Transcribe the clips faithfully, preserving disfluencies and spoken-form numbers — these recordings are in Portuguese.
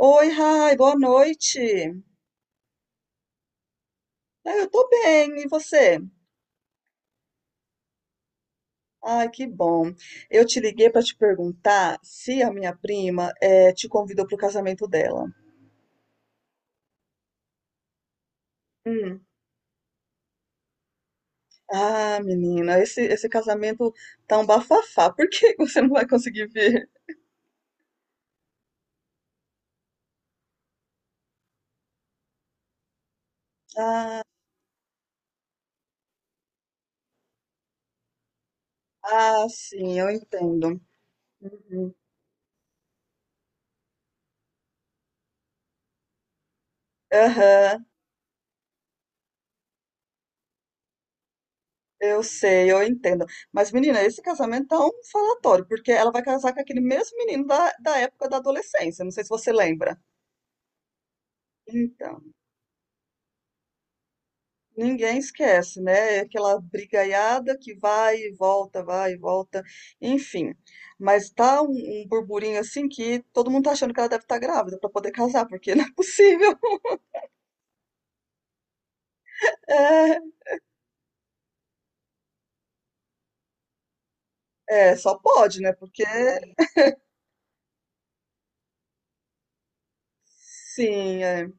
Oi, Rai, boa noite. Ah, eu tô bem, e você? Ai, que bom. Eu te liguei pra te perguntar se a minha prima eh, te convidou pro casamento dela. Hum. Ah, menina, esse, esse casamento tá um bafafá. Por que você não vai conseguir vir? Ah, ah, sim, eu entendo. Uhum. Aham, eu sei, eu entendo. Mas, menina, esse casamento tá um falatório, porque ela vai casar com aquele mesmo menino da, da época da adolescência. Não sei se você lembra. Então. Ninguém esquece, né? É aquela brigaiada que vai e volta, vai e volta, enfim. Mas tá um, um burburinho assim que todo mundo tá achando que ela deve estar grávida pra poder casar, porque não é possível. É, é, só pode, né? Porque sim, é,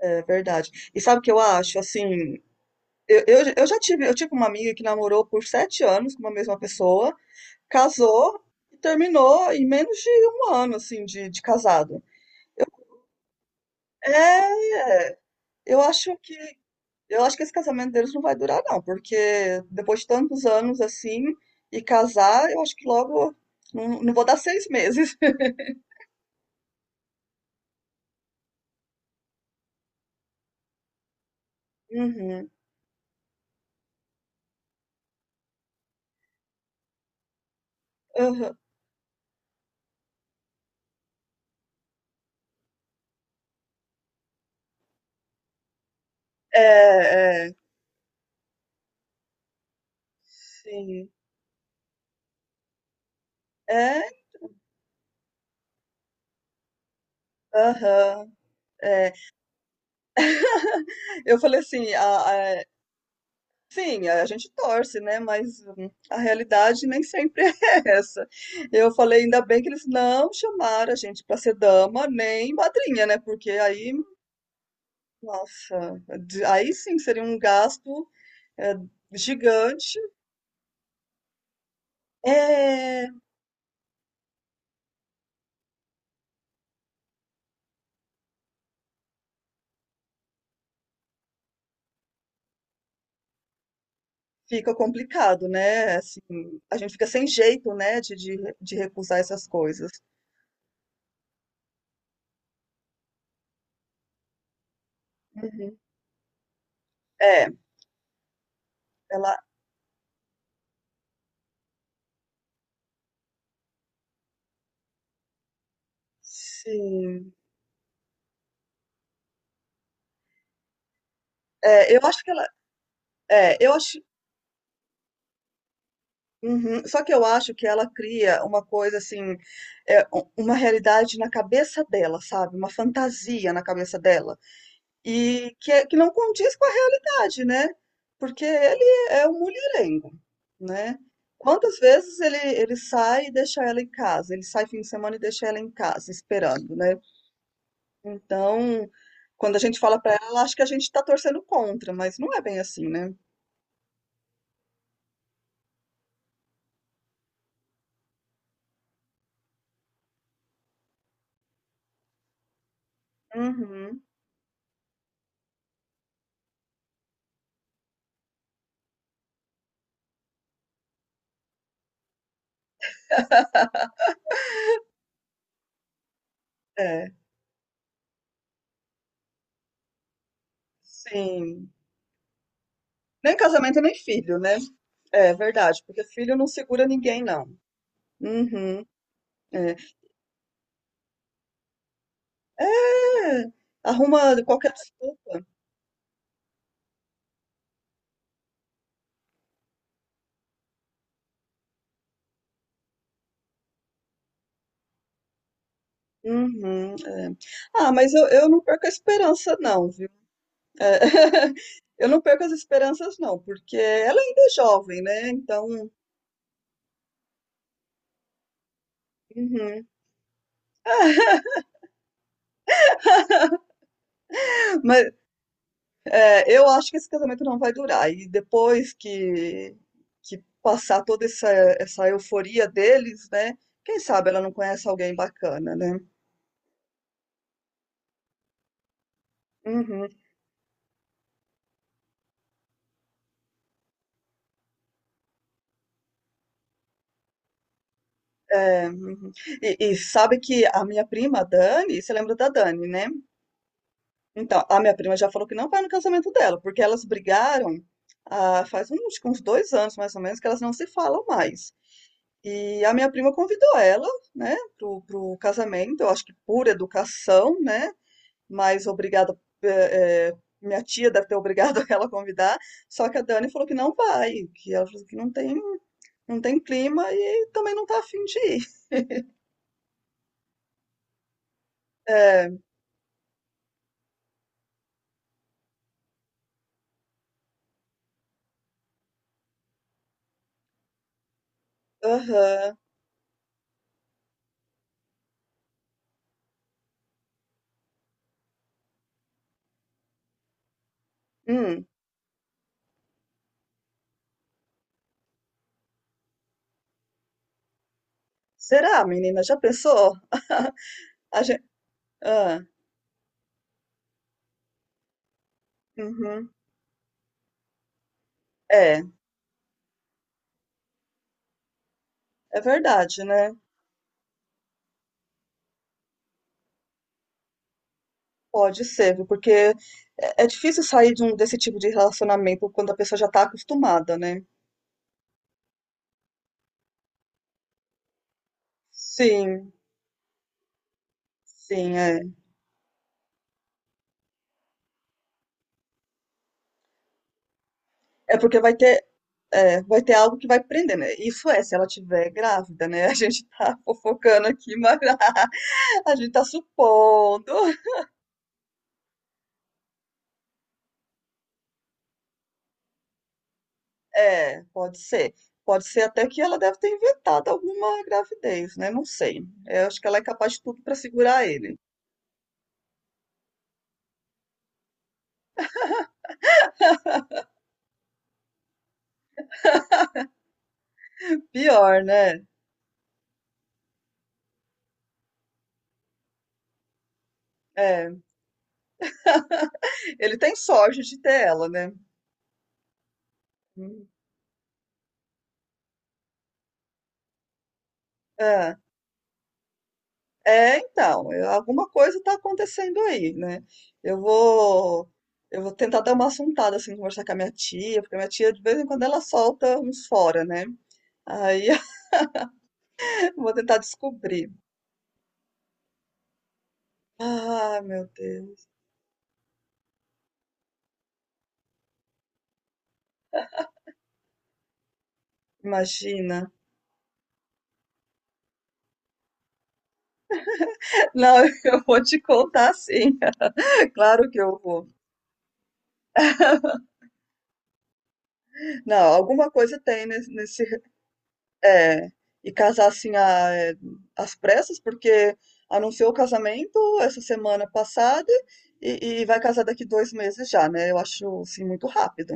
é verdade. E sabe o que eu acho? Assim, eu, eu, eu já tive, eu tive uma amiga que namorou por sete anos com uma mesma pessoa, casou e terminou em menos de um ano, assim, de, de casado. É, é, eu acho que Eu acho que esse casamento deles não vai durar, não, porque depois de tantos anos assim, e casar, eu acho que logo. Não, não vou dar seis meses. Uhum, uhum. É, é, sim. É, aham, é. Eu falei assim, a, a- sim, a gente torce, né? Mas hum, a realidade nem sempre é essa. Eu falei, ainda bem que eles não chamaram a gente para ser dama nem madrinha, né? Porque aí, nossa, de- aí sim seria um gasto é, gigante. É, fica complicado, né? Assim, a gente fica sem jeito, né, de, de, de recusar essas coisas. Uhum. É, ela, sim. É, eu acho que ela, é, eu acho, uhum. Só que eu acho que ela cria uma coisa assim, é, um- uma realidade na cabeça dela, sabe? Uma fantasia na cabeça dela. E que, é- que não condiz com a realidade, né? Porque ele é um mulherengo, né? Quantas vezes ele, ele sai e deixa ela em casa? Ele sai fim de semana e deixa ela em casa, esperando, né? Então, quando a gente fala pra ela, ela acha que a gente tá torcendo contra, mas não é bem assim, né? Uhum, é, sim. Nem casamento, nem filho, né? É verdade, porque filho não segura ninguém, não. Uhum, é. É, arruma qualquer desculpa. Uhum, é. Ah, mas eu, eu não perco a esperança não, viu? É. Eu não perco as esperanças não, porque ela ainda é jovem, né? Então, uhum. Mas é, eu acho que esse casamento não vai durar. E depois que, que passar toda essa, essa euforia deles, né? Quem sabe ela não conhece alguém bacana, né? Uhum, é, uhum. E, e sabe que a minha prima, a Dani, você lembra da Dani, né? Então, a minha prima já falou que não vai no casamento dela, porque elas brigaram, ah, faz uns, acho que uns dois anos mais ou menos que elas não se falam mais. E a minha prima convidou ela, né, pro, pro casamento, eu acho que por educação, né, mas obrigada, eh, eh, minha tia deve ter obrigado ela a convidar, só que a Dani falou que não vai, que ela falou que não tem, não tem clima e também não tá afim de ir. É, aham. Hum. Será, menina? Já pensou? A gente, ah, uhum. É, é verdade, né? Pode ser, viu? Porque é é difícil sair de um- desse tipo de relacionamento quando a pessoa já está acostumada, né? Sim, sim, é. É porque vai ter, é, vai ter algo que vai prender, né? Isso é, se ela tiver grávida, né? A gente tá fofocando aqui, mas a gente tá supondo. É, pode ser. Pode ser até que ela deve ter inventado alguma gravidez, né? Não sei. Eu acho que ela é capaz de tudo para segurar ele. Pior, né? É. Ele tem sorte de ter ela, né. Hum. Hã. É, então, eh, alguma coisa tá acontecendo aí, né. Eu vou eu vou tentar dar uma assuntada, assim, conversar com a minha tia, porque a minha tia de vez em quando ela solta uns fora, né. Aí eu vou tentar descobrir. Ah, meu Deus, imagina. Não, eu vou te contar sim. Claro que eu vou. Não, alguma coisa tem nesse nesse É, e casar assim a- é, às pressas, porque anunciou o casamento essa semana passada e, e vai casar daqui dois meses já, né? Eu acho assim muito rápido.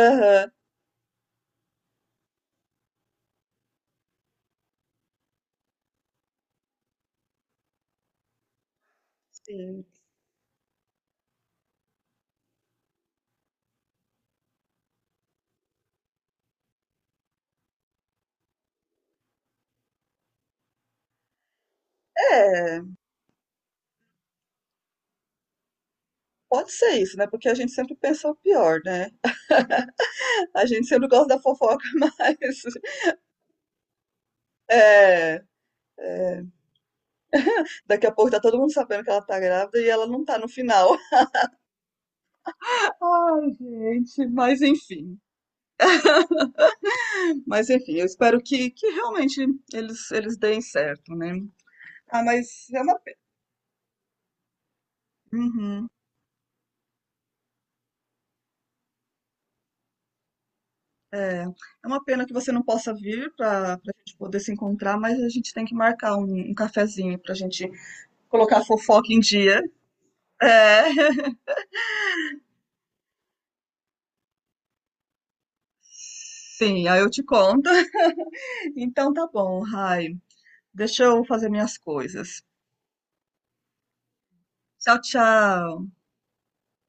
Aham, sim. É, pode ser isso, né? Porque a gente sempre pensa o pior, né? A gente sempre gosta da fofoca, mas é, é, daqui a pouco tá todo mundo sabendo que ela tá grávida e ela não tá no final. Ai, gente, mas enfim. Mas enfim, eu espero que, que realmente eles, eles deem certo, né? Ah, mas é uma pena. Uhum. É, é uma pena que você não possa vir para a gente poder se encontrar, mas a gente tem que marcar um, um cafezinho para a gente colocar a fofoca em dia. É, sim, aí eu te conto. Então tá bom, Rai. Deixa eu fazer minhas coisas. Tchau, tchau.